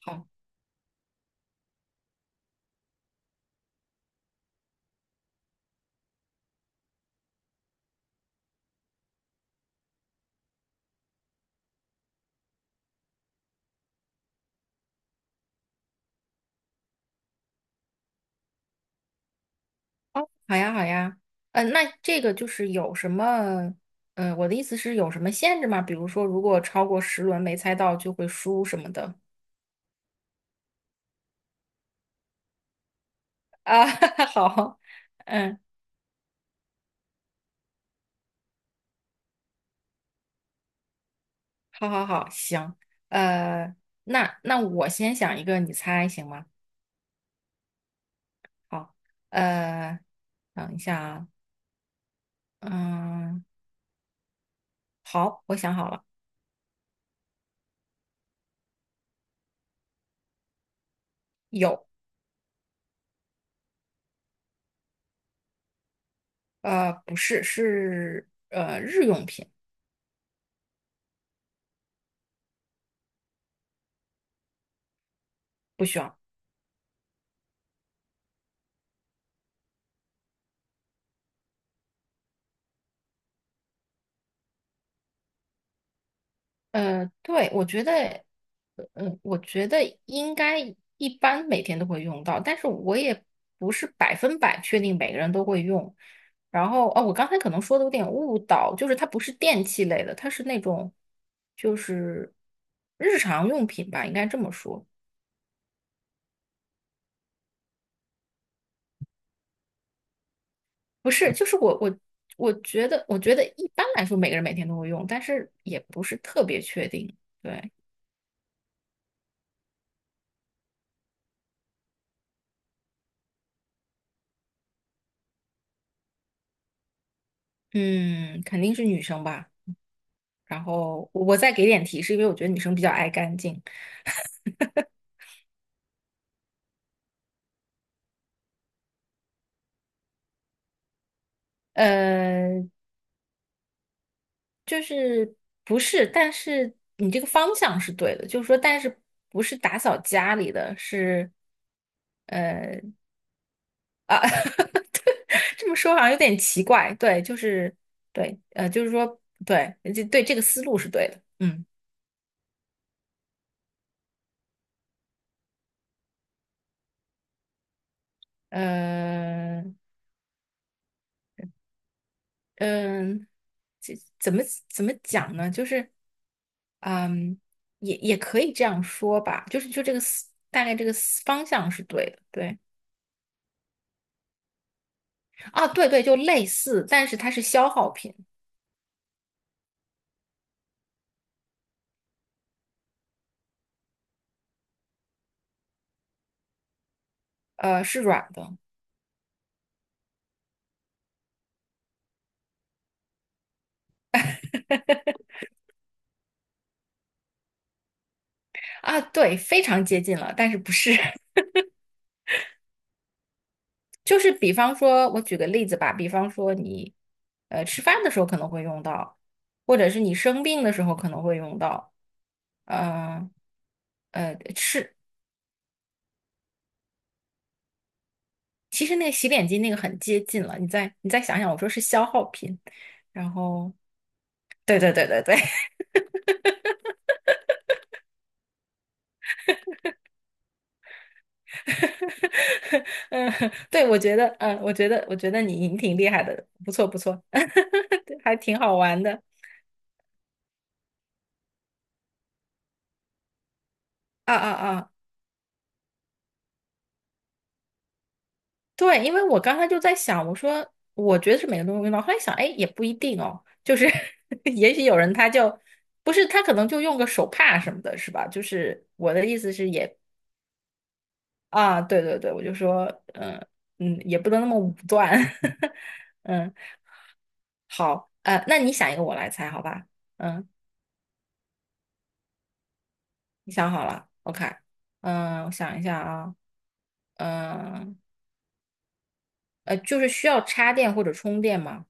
好。哦，好呀，好呀，那这个就是有什么，我的意思是有什么限制吗？比如说，如果超过10轮没猜到就会输什么的啊？好。嗯，好好好，行。呃，那我先想一个，你猜行吗？好。呃，等一下啊。嗯，好，我想好了。有。不是，是日用品。不需要。对，我觉得，应该一般每天都会用到，但是我也不是百分百确定每个人都会用。然后，哦，我刚才可能说的有点误导，就是它不是电器类的，它是那种就是日常用品吧，应该这么说。不是，就是我觉得一般来说每个人每天都会用，但是也不是特别确定。对。嗯，肯定是女生吧。然后我再给点提示，因为我觉得女生比较爱干净。呃，就是不是，但是你这个方向是对的，就是说，但是不是打扫家里的是呃啊。这么说好像有点奇怪。对，就是对，就是说对，这对这个思路是对的。嗯，呃，嗯，这怎么讲呢？就是，嗯，也可以这样说吧，就是这个思大概这个思方向是对的，对啊，对对，就类似，但是它是消耗品。是软的啊。对，非常接近了，但是不是。就是比方说，我举个例子吧，比方说你，吃饭的时候可能会用到，或者是你生病的时候可能会用到。嗯、吃。其实那个洗脸巾那个很接近了，你再想想，我说是消耗品。然后对对对对对。嗯，对，我觉得，嗯，我觉得，我觉得你挺厉害的，不错不错。对还挺好玩的。啊啊啊。对，因为我刚才就在想，我说我觉得是每个人都用到，后来想，哎，也不一定哦，就是 也许有人他就不是他可能就用个手帕什么的，是吧？就是我的意思是也啊。对对对，我就说。嗯嗯。也不能那么武断。嗯，好。那你想一个，我来猜，好吧？嗯，你想好了，OK。我想一下啊。嗯就是需要插电或者充电吗？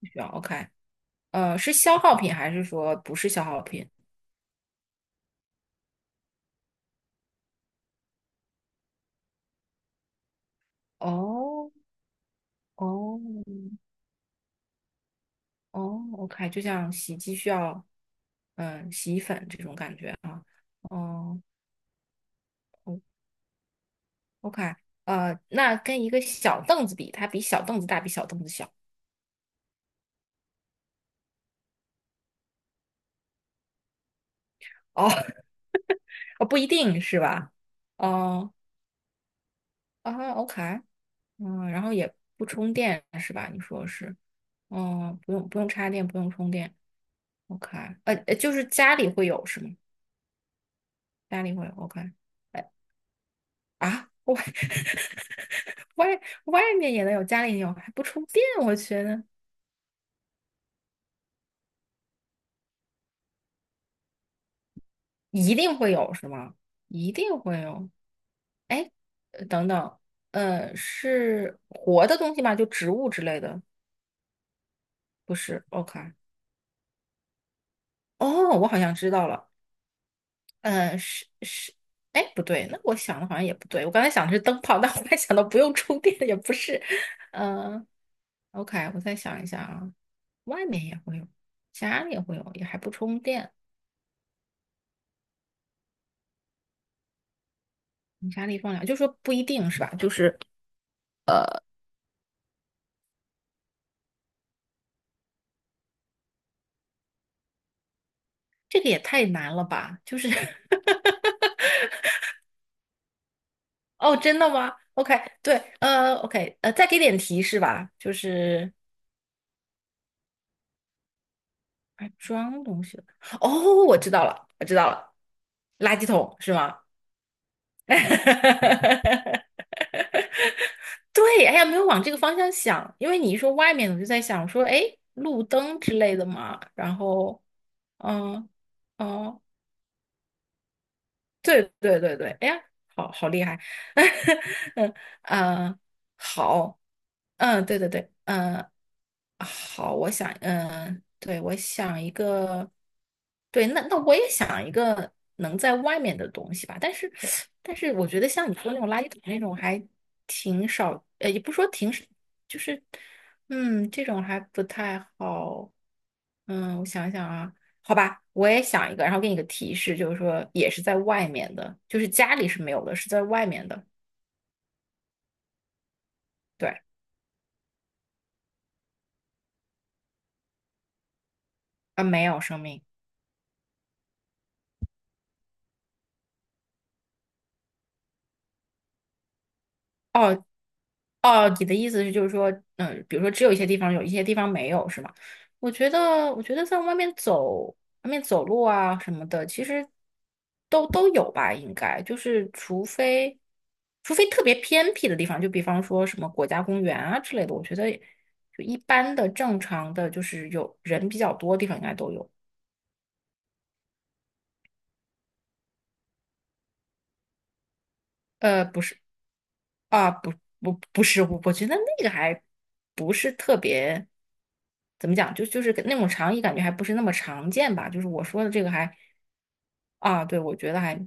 不需要，OK。是消耗品还是说不是消耗品？哦哦哦，OK，就像洗衣机需要，洗衣粉这种感觉啊。哦。OK。那跟一个小凳子比，它比小凳子大，比小凳子小。哦，哦，不一定是吧？哦，啊，OK。然后也不充电是吧？你说是。不用插电，不用充电。OK。就是家里会有是吗？家里会有。 OK。哎啊，外外面也能有，家里也有，还不充电，我觉得一定会有是吗？一定会有。哎。等等。是活的东西吗？就植物之类的？不是，OK。哦，我好像知道了。是是。哎，不对，那我想的好像也不对。我刚才想的是灯泡，但我还想到不用充电，也不是。嗯 o k 我再想一下啊。外面也会有，家里也会有，也还不充电。你家里放两，就说不一定是吧？就是这个也太难了吧？就是 哦，真的吗？OK。对。OK。再给点提示吧，就是还装东西了。哦，我知道了，我知道了，垃圾桶是吗？对，哎呀，没有往这个方向想。因为你一说外面，我就在想说，哎，路灯之类的嘛。然后，嗯，哦，对对对对。哎呀，好好厉害。嗯嗯。好。对对对。嗯好。我想，嗯，对，我想一个。对，那我也想一个能在外面的东西吧。但是我觉得像你说那种垃圾桶那种还挺少。也不说挺少，就是，这种还不太好。我想想啊。好吧，我也想一个，然后给你个提示，就是说也是在外面的，就是家里是没有的，是在外面的。对。啊，没有生命。哦哦，你的意思是就是说，比如说只有一些地方有，一些地方没有，是吗？我觉得在外面走，外面走路啊什么的，其实都有吧。应该就是除非特别偏僻的地方，就比方说什么国家公园啊之类的。我觉得就一般的正常的，就是有人比较多的地方应该都有。不是。啊，不不不是。我觉得那个还不是特别，怎么讲，就是那种长椅，感觉还不是那么常见吧。就是我说的这个还啊。对，我觉得还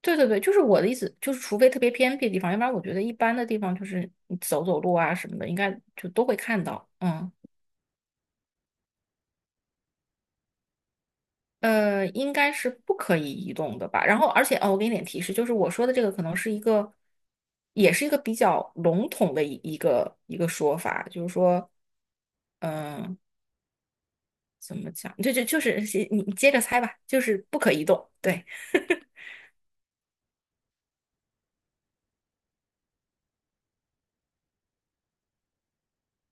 对对对。就是我的意思，就是除非特别偏僻的地方，要不然我觉得一般的地方就是你走走路啊什么的，应该就都会看到。应该是不可以移动的吧。然后，而且哦，我给你点提示，就是我说的这个可能是一个，也是一个比较笼统的一个说法，就是说。嗯，怎么讲？就是你接着猜吧，就是不可移动。对。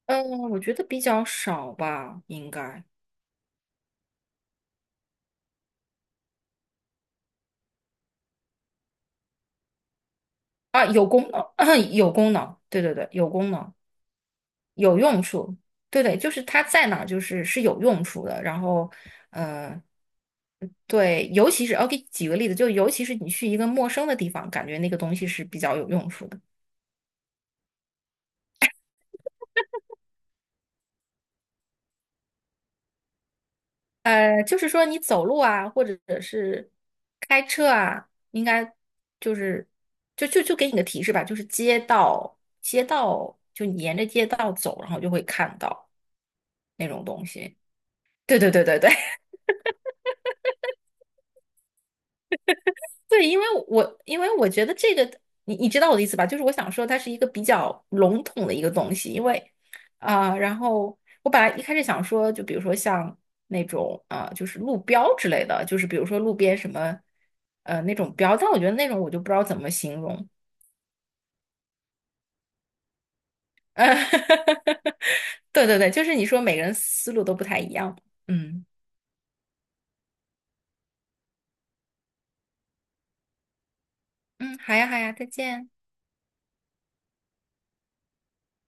嗯，我觉得比较少吧。应该啊，有功能，有功能，对对对，有功能，有用处，对对，就是它在哪儿就是有用处的。然后，呃，对，尤其是我给举个例子，就尤其是你去一个陌生的地方，感觉那个东西是比较有用处的。就是说你走路啊，或者是开车啊，应该就是就给你个提示吧，就是街道街道，就你沿着街道走，然后就会看到那种东西。对对对对对。对，因为我觉得这个，你知道我的意思吧？就是我想说，它是一个比较笼统的一个东西，因为然后我本来一开始想说，就比如说像那种就是路标之类的，就是比如说路边什么那种标。但我觉得那种我就不知道怎么形容。对对对，就是你说每个人思路都不太一样。嗯嗯，好呀好呀，再见。